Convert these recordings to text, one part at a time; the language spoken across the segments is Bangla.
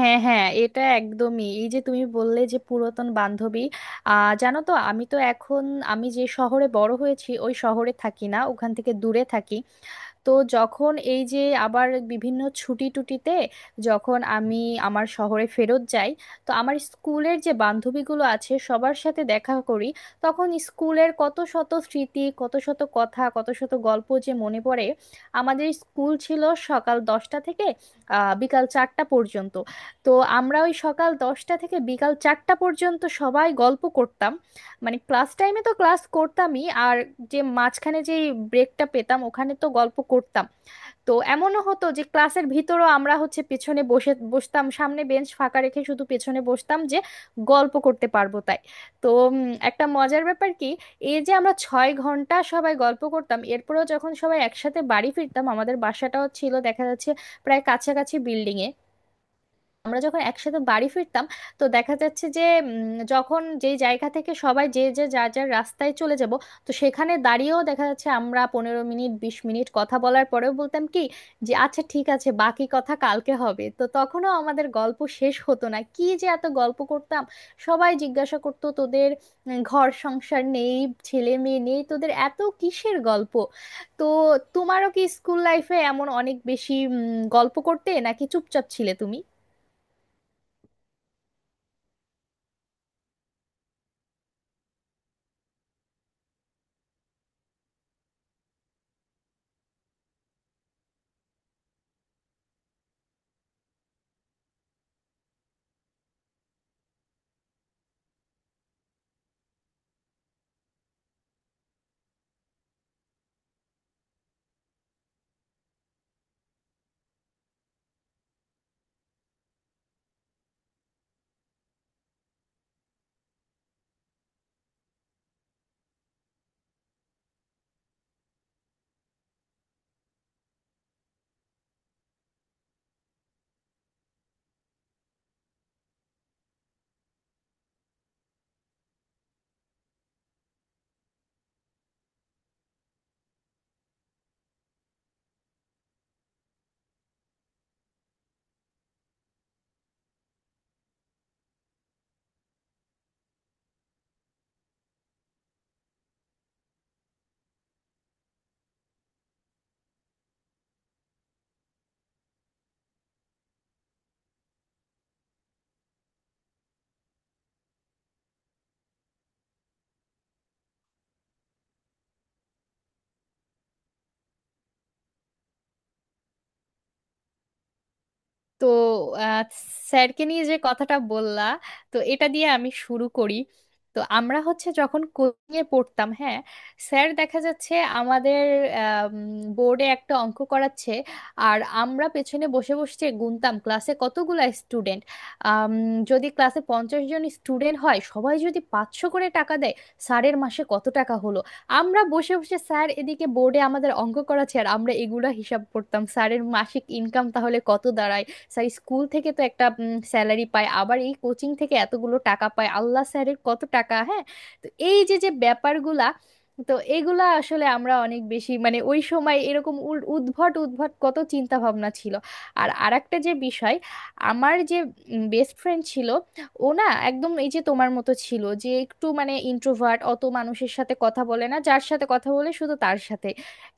হ্যাঁ, হ্যাঁ, এটা একদমই, এই যে তুমি বললে যে পুরাতন বান্ধবী। জানো তো, আমি তো এখন, আমি যে শহরে বড় হয়েছি ওই শহরে থাকি না, ওখান থেকে দূরে থাকি। তো যখন এই যে আবার বিভিন্ন ছুটি টুটিতে যখন আমি আমার শহরে ফেরত যাই, তো আমার স্কুলের যে বান্ধবীগুলো আছে সবার সাথে দেখা করি, তখন স্কুলের কত শত স্মৃতি, কত শত কথা, কত শত গল্প যে মনে পড়ে। আমাদের স্কুল ছিল সকাল 10টা থেকে বিকাল 4টা পর্যন্ত। তো আমরা ওই সকাল 10টা থেকে বিকাল 4টা পর্যন্ত সবাই গল্প করতাম। মানে ক্লাস টাইমে তো ক্লাস করতামই, আর যে মাঝখানে যে ব্রেকটা পেতাম ওখানে তো গল্প করতাম। তো এমনও হতো যে ক্লাসের ভিতরও আমরা হচ্ছে পেছনে বসে বসতাম, সামনে বেঞ্চ ফাঁকা রেখে শুধু পেছনে বসতাম, যে গল্প করতে পারবো তাই। তো উম, একটা মজার ব্যাপার কি, এই যে আমরা 6 ঘন্টা সবাই গল্প করতাম, এরপরেও যখন সবাই একসাথে বাড়ি ফিরতাম, আমাদের বাসাটাও ছিল দেখা যাচ্ছে প্রায় কাছাকাছি বিল্ডিং। আমরা যখন একসাথে বাড়ি ফিরতাম, তো দেখা যাচ্ছে যে যখন যে জায়গা থেকে সবাই যে যে যার যার রাস্তায় চলে যাব, তো সেখানে দাঁড়িয়েও দেখা যাচ্ছে আমরা 15 মিনিট, 20 মিনিট কথা বলার পরেও বলতাম কি, যে আচ্ছা, ঠিক আছে, বাকি কথা কালকে হবে। তো তখনও আমাদের গল্প শেষ হতো না, কি যে এত গল্প করতাম। সবাই জিজ্ঞাসা করতো, তোদের ঘর সংসার নেই, ছেলে মেয়ে নেই, তোদের এত কিসের গল্প। তো তোমারও কি স্কুল লাইফে এমন অনেক বেশি গল্প করতে, নাকি চুপচাপ ছিলে তুমি? তো আহ, স্যারকে নিয়ে যে কথাটা বললা, তো এটা দিয়ে আমি শুরু করি। তো আমরা হচ্ছে যখন কোচিং এ পড়তাম, হ্যাঁ, স্যার দেখা যাচ্ছে আমাদের বোর্ডে একটা অঙ্ক করাচ্ছে, আর আমরা পেছনে বসে বসে গুনতাম ক্লাসে কতগুলা স্টুডেন্ট। যদি ক্লাসে 50 জন স্টুডেন্ট হয়, সবাই যদি 500 করে টাকা দেয়, স্যারের মাসে কত টাকা হলো। আমরা বসে বসে, স্যার এদিকে বোর্ডে আমাদের অঙ্ক করাচ্ছে, আর আমরা এগুলা হিসাব করতাম স্যারের মাসিক ইনকাম তাহলে কত দাঁড়ায়। স্যার স্কুল থেকে তো একটা স্যালারি পায়, আবার এই কোচিং থেকে এতগুলো টাকা পায়, আল্লাহ স্যারের কত টাকা, হ্যাঁ। তো এই যে যে ব্যাপারগুলা, তো এগুলা আসলে আমরা অনেক বেশি, মানে ওই সময় এরকম উদ্ভট উদ্ভট কত চিন্তা ভাবনা ছিল। আর আরেকটা যে বিষয়, আমার যে বেস্ট ফ্রেন্ড ছিল, ও না একদম এই যে তোমার মতো ছিল, যে একটু মানে ইন্ট্রোভার্ট, অত মানুষের সাথে কথা বলে না, যার সাথে কথা বলে শুধু তার সাথে।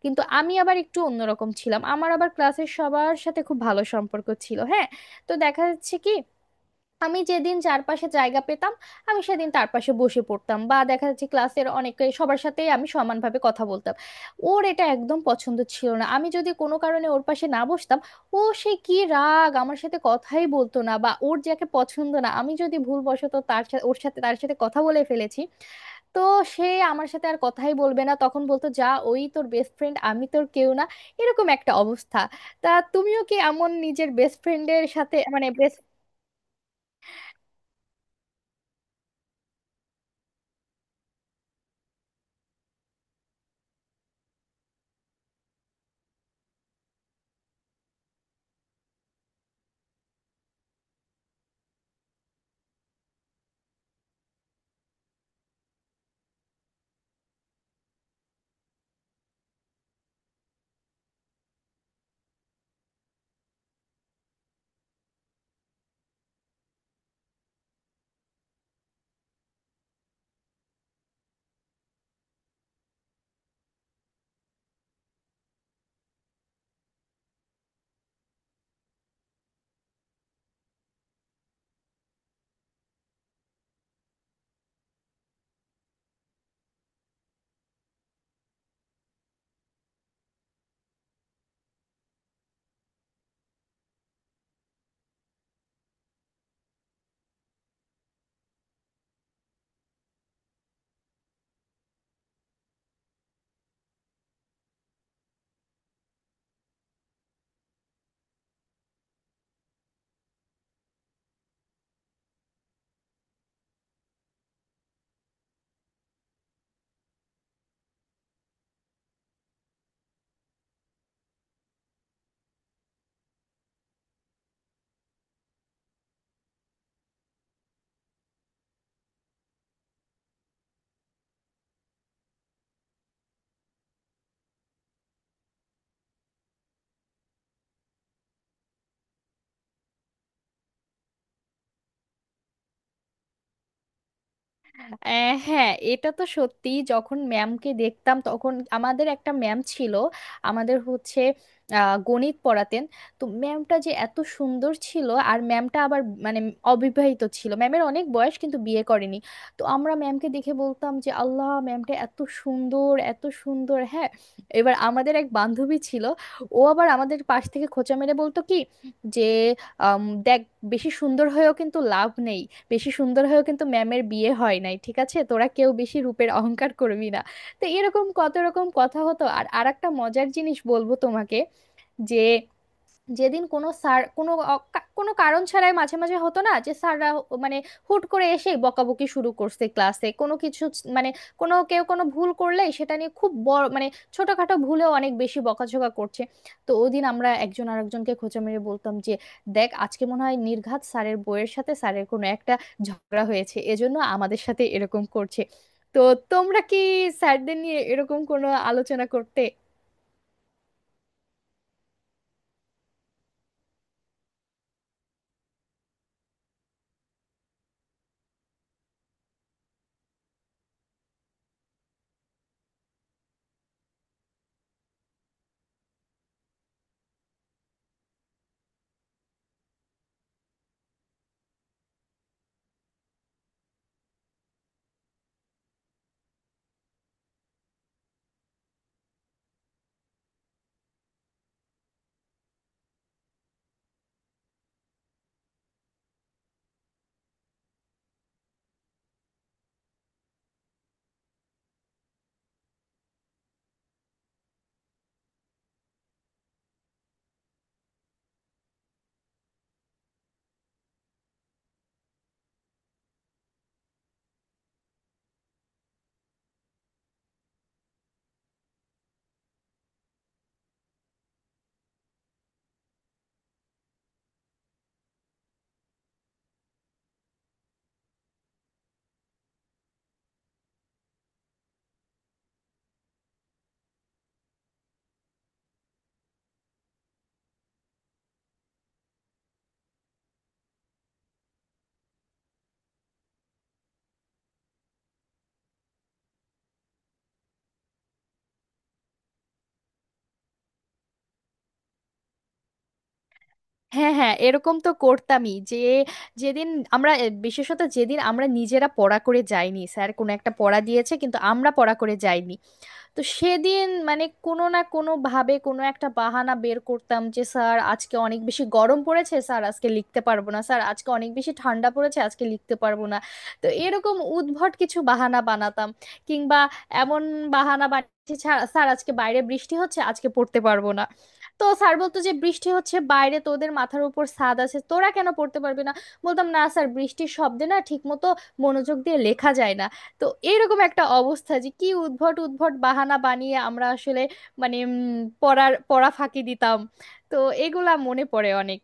কিন্তু আমি আবার একটু অন্যরকম ছিলাম, আমার আবার ক্লাসের সবার সাথে খুব ভালো সম্পর্ক ছিল, হ্যাঁ। তো দেখা যাচ্ছে কি, আমি যেদিন চারপাশে জায়গা পেতাম আমি সেদিন তার পাশে বসে পড়তাম, বা দেখা যাচ্ছে ক্লাসের অনেকে, সবার সাথেই আমি সমানভাবে কথা বলতাম। ওর এটা একদম পছন্দ ছিল না, আমি যদি কোনো কারণে ওর পাশে না বসতাম, ও সে কি রাগ, আমার সাথে কথাই বলতো না। বা ওর যাকে পছন্দ না, আমি যদি ভুলবশত তার সাথে, ওর সাথে, তার সাথে কথা বলে ফেলেছি, তো সে আমার সাথে আর কথাই বলবে না। তখন বলতো, যা ওই তোর বেস্ট ফ্রেন্ড, আমি তোর কেউ না। এরকম একটা অবস্থা। তা তুমিও কি এমন নিজের বেস্ট ফ্রেন্ডের সাথে, মানে বেস্ট, হ্যাঁ এটা তো সত্যি, যখন ম্যামকে দেখতাম তখন আমাদের একটা ম্যাম ছিল, আমাদের হচ্ছে গণিত পড়াতেন। তো ম্যামটা যে এত সুন্দর ছিল, আর ম্যামটা আবার মানে অবিবাহিত ছিল, ম্যামের অনেক বয়স কিন্তু বিয়ে করেনি। তো আমরা ম্যামকে দেখে বলতাম যে আল্লাহ, ম্যামটা এত সুন্দর, এত সুন্দর, হ্যাঁ। এবার আমাদের এক বান্ধবী ছিল, ও আবার আমাদের পাশ থেকে খোঁচা মেরে বলতো কি, যে দেখ বেশি সুন্দর হয়েও কিন্তু লাভ নেই, বেশি সুন্দর হয়েও কিন্তু ম্যামের বিয়ে হয় নাই, ঠিক আছে, তোরা কেউ বেশি রূপের অহংকার করবি না। তো এরকম কত রকম কথা হতো। আর আরেকটা মজার জিনিস বলবো তোমাকে, যে যেদিন কোনো স্যার কোনো কোনো কারণ ছাড়াই, মাঝে মাঝে হতো না যে স্যাররা মানে হুট করে এসে বকাবকি শুরু করছে ক্লাসে, কোনো কিছু মানে কোনো কেউ কোনো ভুল করলে সেটা নিয়ে খুব বড়, মানে ছোটখাটো ভুলেও অনেক বেশি বকাঝকা করছে। তো ওদিন আমরা একজন আরেকজনকে খোঁচা মেরে বলতাম যে, দেখ আজকে মনে হয় নির্ঘাত স্যারের বইয়ের সাথে স্যারের কোনো একটা ঝগড়া হয়েছে, এজন্য আমাদের সাথে এরকম করছে। তো তোমরা কি স্যারদের নিয়ে এরকম কোনো আলোচনা করতে? হ্যাঁ, হ্যাঁ, এরকম তো করতামই, যে যেদিন আমরা বিশেষত যেদিন আমরা নিজেরা পড়া করে যাইনি, স্যার কোনো একটা পড়া দিয়েছে কিন্তু আমরা পড়া করে যাইনি, তো সেদিন মানে কোনো না কোনো ভাবে কোনো একটা বাহানা বের করতাম, যে স্যার আজকে অনেক বেশি গরম পড়েছে স্যার, আজকে লিখতে পারবো না, স্যার আজকে অনেক বেশি ঠান্ডা পড়েছে আজকে লিখতে পারবো না। তো এরকম উদ্ভট কিছু বাহানা বানাতাম। কিংবা এমন বাহানা বানিয়েছি, "ছাড়, স্যার আজকে বাইরে বৃষ্টি হচ্ছে আজকে পড়তে পারবো না।" তো স্যার বলতো যে বৃষ্টি হচ্ছে বাইরে, তোদের মাথার উপর ছাদ আছে, তোরা কেন পড়তে পারবি না? বলতাম, না স্যার, বৃষ্টির শব্দে না ঠিক মতো মনোযোগ দিয়ে লেখা যায় না। তো এইরকম একটা অবস্থা, যে কি উদ্ভট উদ্ভট বাহানা বানিয়ে আমরা আসলে মানে পড়ার পড়া ফাঁকি দিতাম। তো এগুলা মনে পড়ে অনেক।